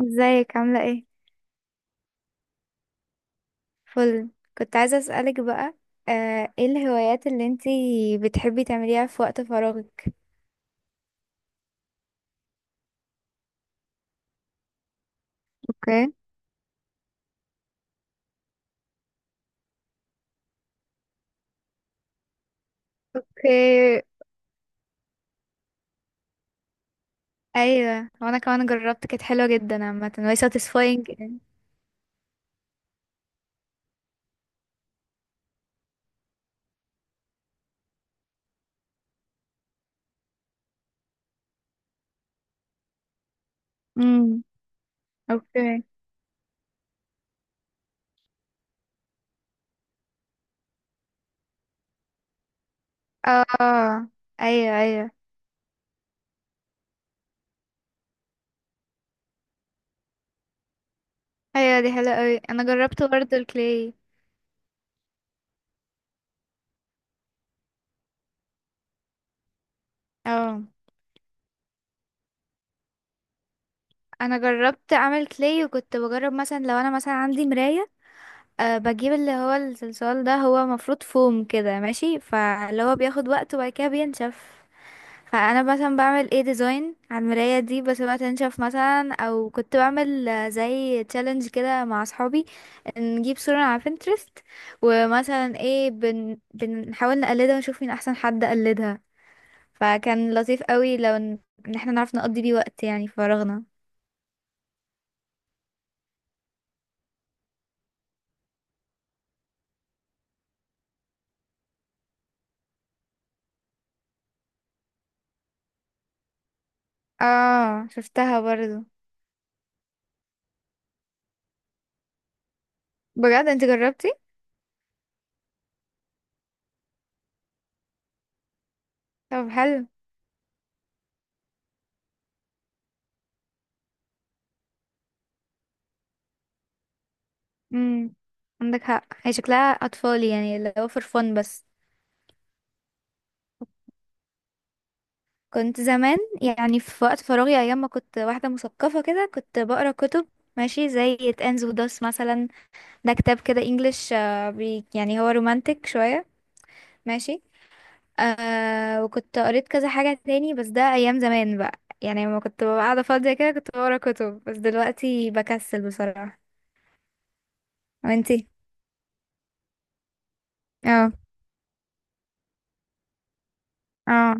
ازيك عاملة ايه؟ فل. كنت عايزة اسألك بقى. ايه الهوايات اللي انتي بتحبي تعمليها في وقت فراغك؟ اوكي. اوكي. ايوه، وانا كمان جربت، كانت حلوة جدا عامة وهي satisfying يعني. امم. اوكي. اه. آه. ايوه، ايوه. ايوه، دي حلوة اوي، انا جربت برضه الكلاي. اه، انا جربت اعمل كلاي، وكنت بجرب مثلا لو انا مثلا عندي مراية. بجيب اللي هو الصلصال ده، هو مفروض فوم كده ماشي، فاللي هو بياخد وقت وبعد كده بينشف. فانا مثلا بعمل ايه ديزاين على المرايه دي، بسيبها تنشف مثلا، او كنت بعمل زي تشالنج كده مع اصحابي. نجيب صوره على بنترست، ومثلا ايه بنحاول نقلدها ونشوف مين احسن حد قلدها. فكان لطيف قوي لو إن احنا نعرف نقضي بيه وقت يعني فراغنا. اه، شفتها برضو. بجد انت جربتي؟ طب حلو. امم. عندك حق، هي شكلها اطفال يعني، اللي هو فور فن بس. كنت زمان يعني في وقت فراغي، ايام ما كنت واحده مثقفه كده، كنت بقرا كتب. ماشي، زي تنز وداس مثلا. ده كتاب كده انجلش، يعني هو رومانتك شويه. ماشي. آه، وكنت قريت كذا حاجه تاني، بس ده ايام زمان بقى، يعني لما كنت ببقى قاعده فاضيه كده كنت بقرا كتب، بس دلوقتي بكسل بصراحه. وانتي؟ اه. اه.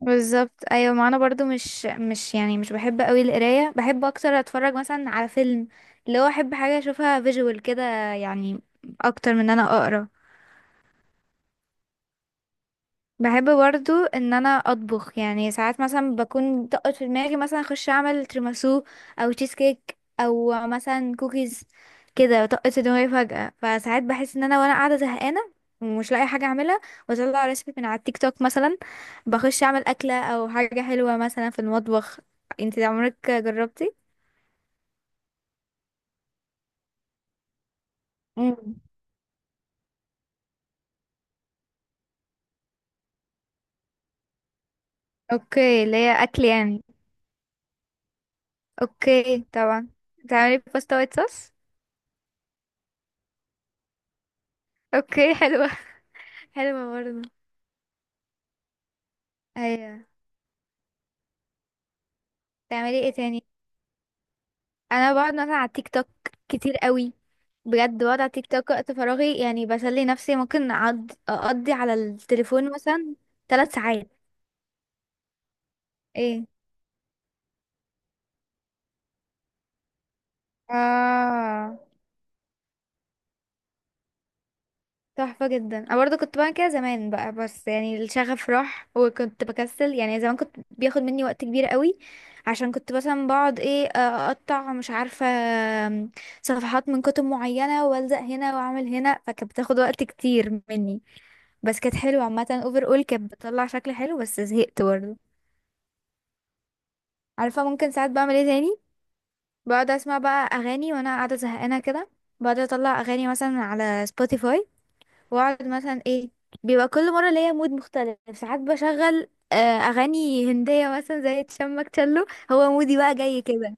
بالظبط. ايوه، ما انا برضو مش يعني مش بحب قوي القرايه، بحب اكتر اتفرج مثلا على فيلم، اللي هو احب حاجه اشوفها فيجوال كده، يعني اكتر من ان انا اقرا. بحب برضو ان انا اطبخ، يعني ساعات مثلا بكون طقت في دماغي مثلا اخش اعمل تيراميسو، او تشيز كيك، او مثلا كوكيز، كده طقت في دماغي فجأة، فساعات بحس ان انا وانا قاعدة زهقانة ومش لاقي حاجة اعملها، واطلع ريسبي من على التيك توك مثلا، بخش اعمل اكلة او حاجة حلوة مثلا في المطبخ. انت عمرك جربتي؟ مم. اوكي، اللي هي اكل يعني. اوكي طبعا. بتعملي باستا وايت صوص؟ اوكي، حلوة. حلوة برضه. ايوه. تعملي ايه تاني؟ انا بقعد مثلا على التيك توك كتير قوي، بجد بقعد على التيك توك وقت فراغي، يعني بسلي نفسي، ممكن أقعد اقضي على التليفون مثلا 3 ساعات. ايه. اه. تحفة جدا، انا برضه كنت بعمل كده زمان بقى، بس يعني الشغف راح وكنت بكسل، يعني زمان كنت بياخد مني وقت كبير قوي، عشان كنت مثلا بقعد ايه اقطع مش عارفة صفحات من كتب معينة والزق هنا واعمل هنا، فكانت بتاخد وقت كتير مني. بس كانت حلوة عامة، اوفر اول كانت بتطلع شكل حلو، بس زهقت برضه. عارفة ممكن ساعات بعمل ايه تاني؟ بقعد اسمع بقى اغاني وانا قاعدة زهقانة كده، بقعد اطلع اغاني مثلا على سبوتيفاي، واقعد مثلا ايه، بيبقى كل مرة ليا مود مختلف، ساعات بشغل اغاني هندية مثلا زي تشمك تشلو، هو مودي بقى جاي كده.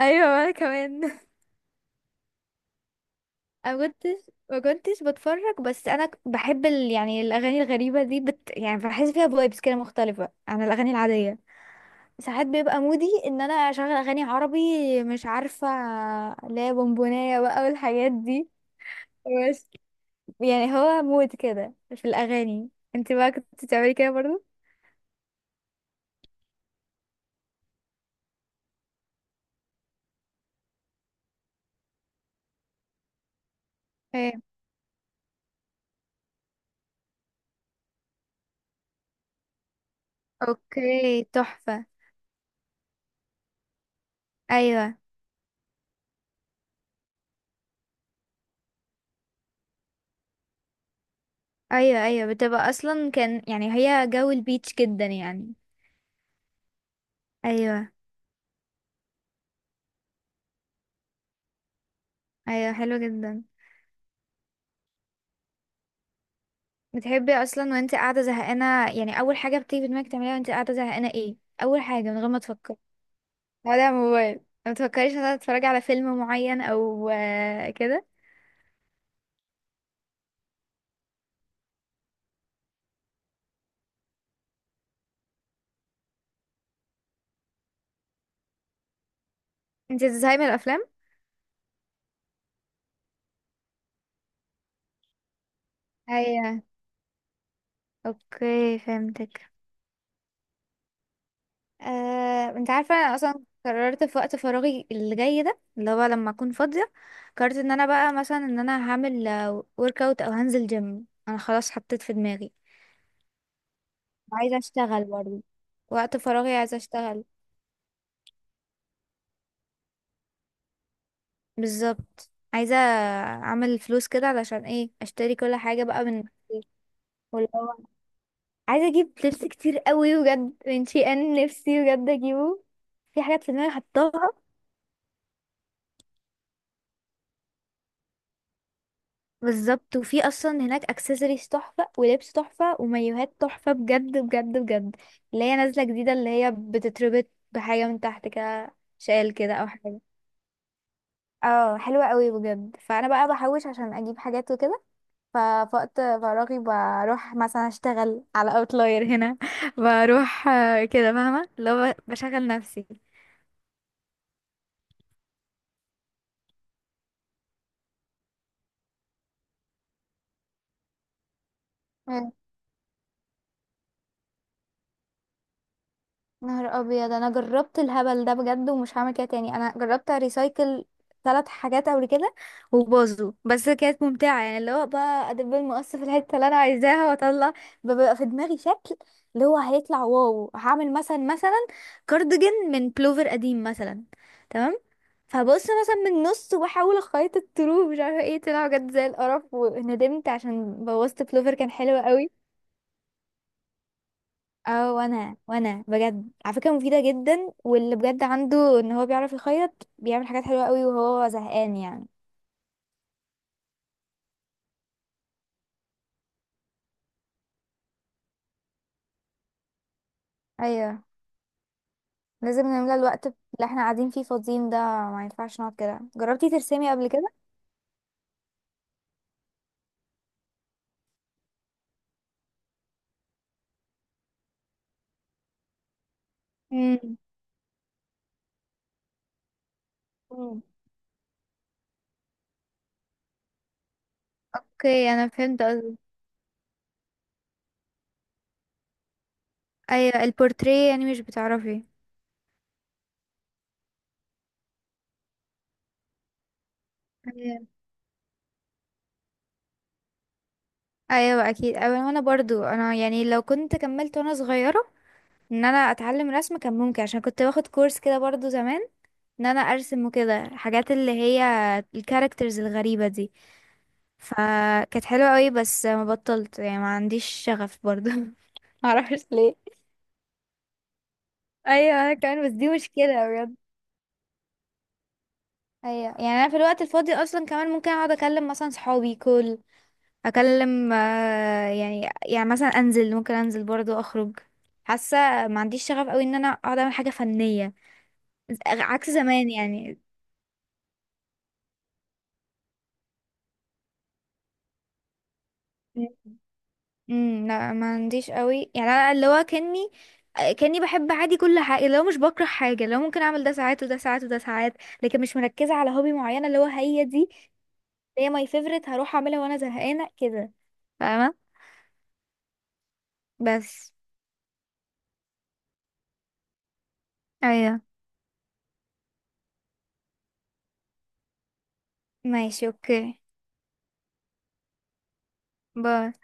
ايوه، وانا كمان. ما كنتش ما كنتش بتفرج، بس انا بحب يعني الاغاني الغريبة دي يعني بحس فيها فايبس كده مختلفة عن الاغاني العادية. ساعات بيبقى مودي ان انا اشغل اغاني عربي، مش عارفه، اللي هي بونبونايه بقى والحاجات دي، بس يعني هو مود كده في الاغاني. انت بقى كنت بتعملي كده برضو؟ ايه. اوكي، تحفة. ايوه، ايوه، ايوه، بتبقى اصلا كان، يعني هي جو البيتش جدا يعني. ايوه، ايوه، حلو جدا. بتحبي اصلا وانت قاعدة زهقانة، يعني اول حاجة بتيجي في دماغك تعمليها وانت قاعدة زهقانة ايه؟ اول حاجة من غير ما تفكري. ولا موبايل. ما تفكريش ان تتفرجي على فيلم معين او كده. انت بتزهقي من الافلام؟ ايوه. اوكي، فهمتك. انت عارفه انا اصلا قررت في وقت فراغي اللي جاي ده، اللي هو لما اكون فاضيه، قررت ان انا بقى مثلا ان انا هعمل ورك اوت او هنزل جيم، انا خلاص حطيت في دماغي. وعايزه اشتغل برضه، وقت فراغي عايزه اشتغل. بالظبط، عايزه اعمل فلوس كده علشان ايه اشتري كل حاجه بقى من نفسي. واللي هو عايزه اجيب لبس كتير قوي بجد من شي، ان نفسي بجد اجيبه، في حاجات في دماغي حطاها. بالظبط، وفي اصلا هناك اكسسوارز تحفه ولبس تحفه ومايوهات تحفه، بجد بجد بجد، اللي هي نازله جديده اللي هي بتتربط بحاجه من تحت كده، شال كده او حاجه. اه، حلوه قوي بجد، فانا بقى بحوش عشان اجيب حاجات وكده، ففي وقت فراغي بروح مثلا اشتغل على اوتلاير هنا. بروح كده، فاهمه لو بشغل نفسي. نهار ابيض، انا جربت الهبل ده بجد ومش هعمل كده تاني. انا جربت ريسايكل 3 حاجات قبل كده وباظوا، بس كانت ممتعه، يعني اللي هو بقى ادب المقص في الحته اللي انا عايزاها واطلع، ببقى في دماغي شكل اللي هو هيطلع واو، هعمل مثلا كارديجان من بلوفر قديم مثلا. تمام. فبص مثلا من النص واحاول اخيط الطرو، مش عارفه ايه طلع، بجد زي القرف، وندمت عشان بوظت بلوفر كان حلو قوي. اه، وانا بجد على فكره مفيده جدا، واللي بجد عنده ان هو بيعرف يخيط بيعمل حاجات حلوه قوي وهو زهقان يعني. ايوه، لازم نملى الوقت اللي احنا قاعدين فيه فاضيين ده، ما ينفعش نقعد كده. جربتي ترسمي قبل كده؟ امم. مم. اوكي، انا فهمت قصدي. ايوه، البورتريه يعني مش بتعرفي. ايوه، ايوه اكيد. ايوه، وانا برضو انا يعني لو كنت كملت وانا صغيره ان انا اتعلم رسم كان ممكن، عشان كنت باخد كورس كده برضو زمان، ان انا ارسم وكده الحاجات اللي هي الكاركترز الغريبة دي، فكانت حلوة قوي، بس ما بطلت يعني ما عنديش شغف برضو. معرفش ليه. ايوه، انا كمان، بس دي مشكلة بجد. ايوه، يعني انا في الوقت الفاضي اصلا كمان ممكن اقعد اكلم مثلا صحابي كل اكلم يعني مثلا انزل، ممكن انزل برضو اخرج. حاسة ما عنديش شغف قوي ان انا اقعد اعمل حاجة فنية، عكس زمان يعني. امم، لا ما عنديش قوي، يعني انا اللي هو كاني بحب عادي كل حاجه، اللي هو مش بكره حاجه، اللي هو ممكن اعمل ده ساعات وده ساعات وده ساعات، لكن مش مركزه على هوبي معينه اللي هو هي دي اللي هي ماي فيفورت هروح اعملها وانا زهقانه كده، فاهمه. بس. ايوه، ماشي اوكي. باي.